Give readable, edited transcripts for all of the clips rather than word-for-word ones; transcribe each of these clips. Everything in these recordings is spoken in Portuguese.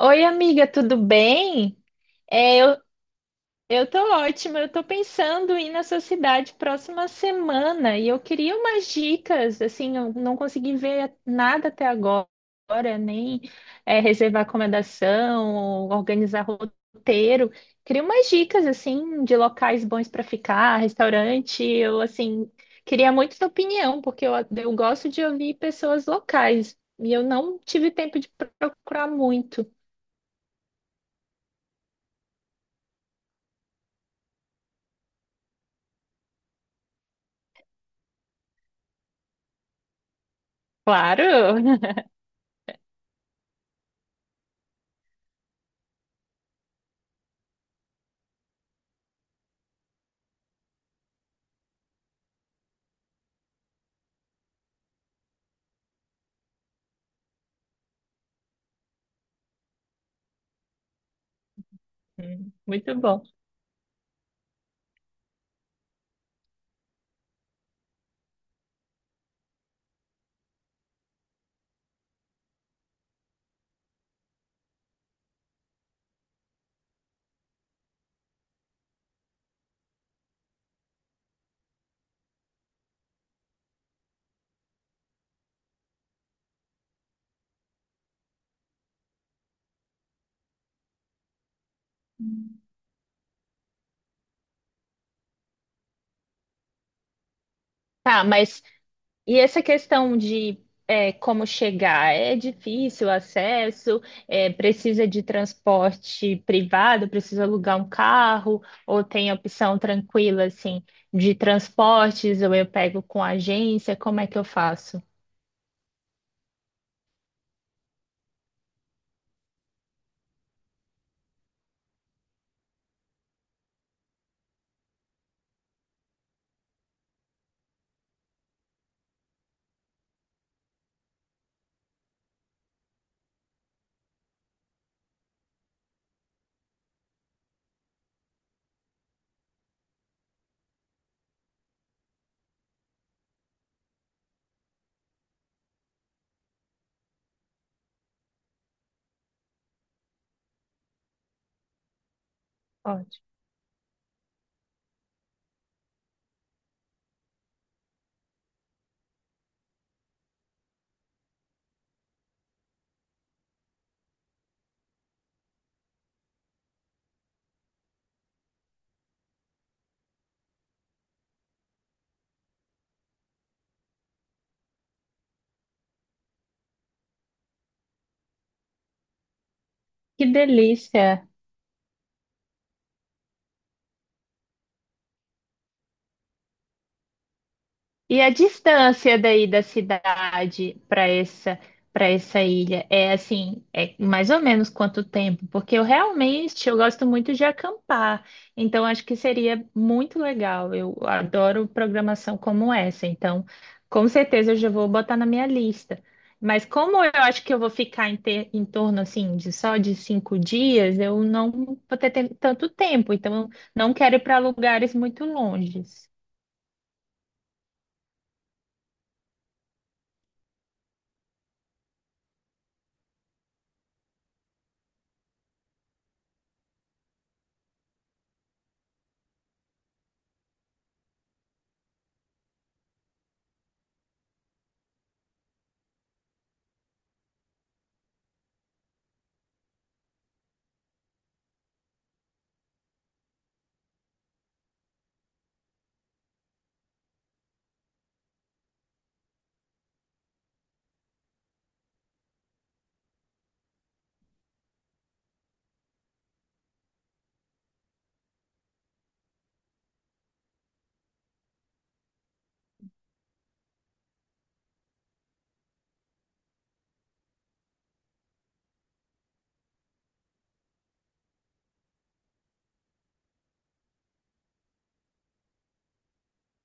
Oi, amiga, tudo bem? É, eu, eu tô ótima. Eu tô pensando em ir na sua cidade próxima semana e eu queria umas dicas. Assim, eu não consegui ver nada até agora, nem é, reservar acomodação, ou organizar roteiro. Queria umas dicas, assim, de locais bons para ficar, restaurante. Queria muito sua opinião, porque eu gosto de ouvir pessoas locais e eu não tive tempo de procurar muito. Claro. Muito bom. Tá, mas e essa questão de como chegar? É difícil o acesso? É, precisa de transporte privado? Precisa alugar um carro? Ou tem opção tranquila, assim, de transportes? Ou eu pego com agência? Como é que eu faço? Ótimo. Que delícia! E a distância daí da cidade para essa ilha é assim, é mais ou menos quanto tempo? Porque eu realmente eu gosto muito de acampar, então acho que seria muito legal. Eu adoro programação como essa, então com certeza eu já vou botar na minha lista. Mas como eu acho que eu vou ficar em torno assim de só de 5 dias, eu não vou ter tanto tempo, então não quero ir para lugares muito longe.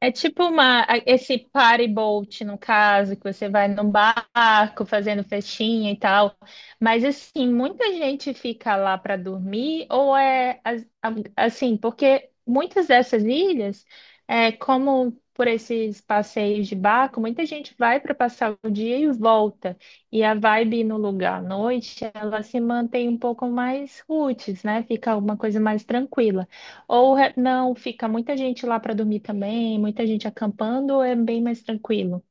É tipo esse party boat, no caso, que você vai num barco fazendo festinha e tal. Mas, assim, muita gente fica lá para dormir, ou assim, porque muitas dessas ilhas, é, como por esses passeios de barco, muita gente vai para passar o dia e volta. E a vibe no lugar à noite, ela se mantém um pouco mais roots, né? Fica uma coisa mais tranquila. Não, fica muita gente lá para dormir também, muita gente acampando, ou é bem mais tranquilo?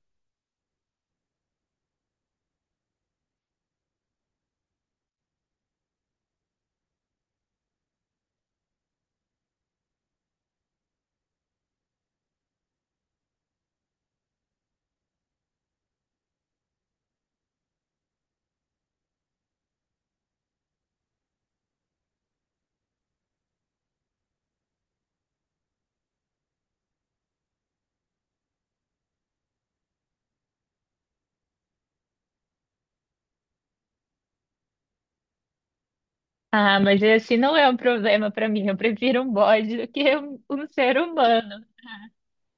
Ah, mas esse não é um problema para mim. Eu prefiro um bode do que um ser humano.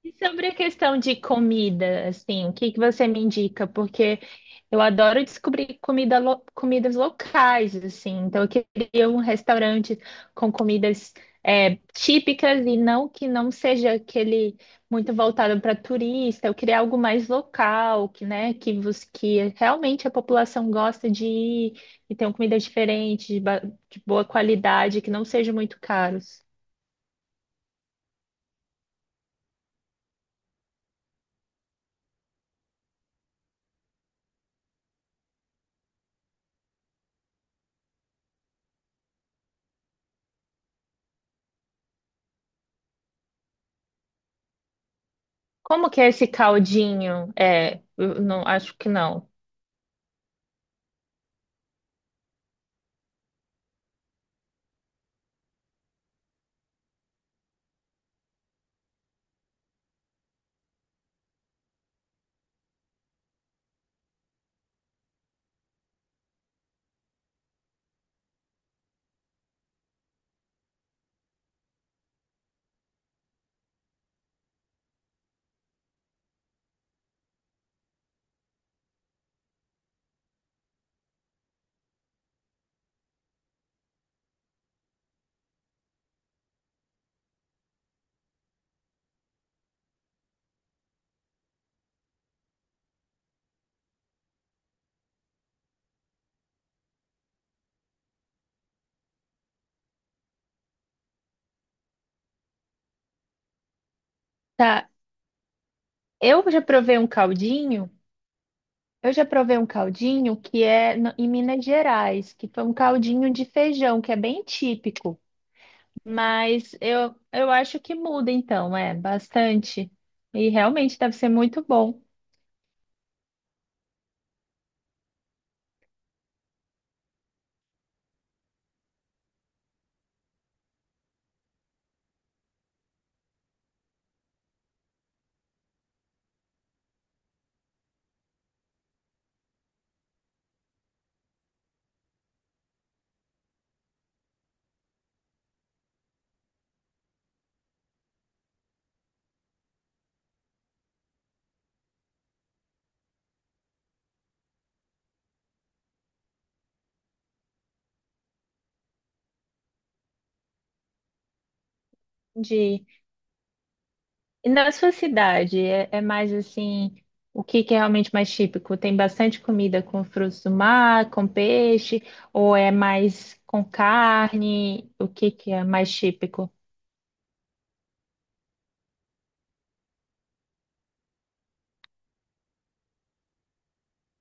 E sobre a questão de comida, assim, o que que você me indica? Porque eu adoro descobrir comidas locais, assim. Então eu queria um restaurante com comidas típicas e não que não seja aquele muito voltado para turista. Eu queria algo mais local, que, né, que, vos- que realmente a população gosta de ir e tenham comidas diferentes, de boa qualidade, que não sejam muito caros. Como que é esse caldinho? É, eu não, acho que não. Tá, eu já provei um caldinho. Eu já provei um caldinho que é em Minas Gerais, que foi um caldinho de feijão, que é bem típico. Mas eu acho que muda, então, é bastante. E realmente deve ser muito bom de E na sua cidade, é mais assim, o que que é realmente mais típico? Tem bastante comida com frutos do mar, com peixe, ou é mais com carne? O que que é mais típico?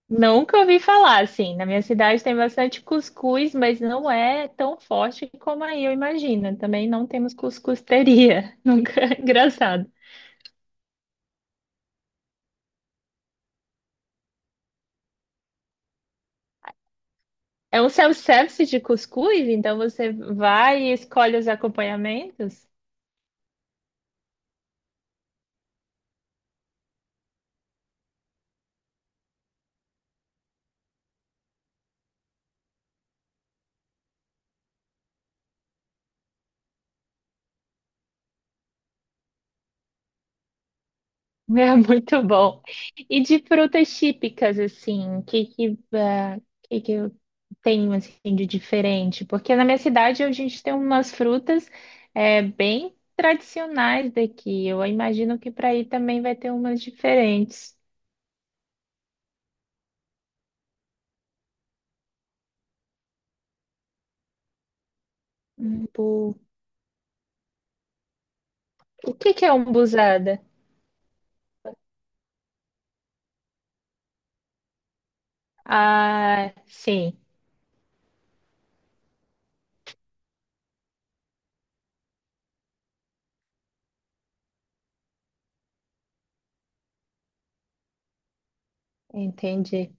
Nunca ouvi falar, assim. Na minha cidade tem bastante cuscuz, mas não é tão forte como aí eu imagino. Também não temos cuscusteria. Nunca. Engraçado. É um self-service de cuscuz, então você vai e escolhe os acompanhamentos? É muito bom. E de frutas típicas, assim, que que eu tenho, assim, de diferente? Porque na minha cidade a gente tem umas frutas bem tradicionais daqui. Eu imagino que para aí também vai ter umas diferentes. Umbu- O que que é umbuzada? Ah, sim, entendi.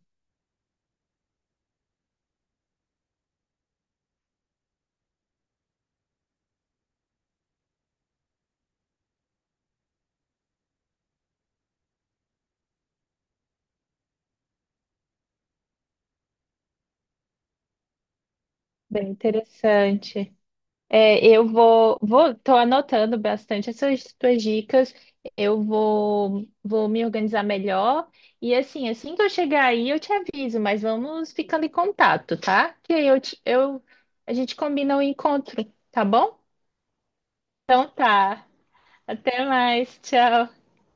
Bem interessante. Tô anotando bastante essas tuas dicas. Vou me organizar melhor. E assim que eu chegar aí, eu te aviso, mas vamos ficando em contato, tá? Que aí eu, te- eu, a gente combina o encontro, tá bom? Tá. Até mais. Tchau.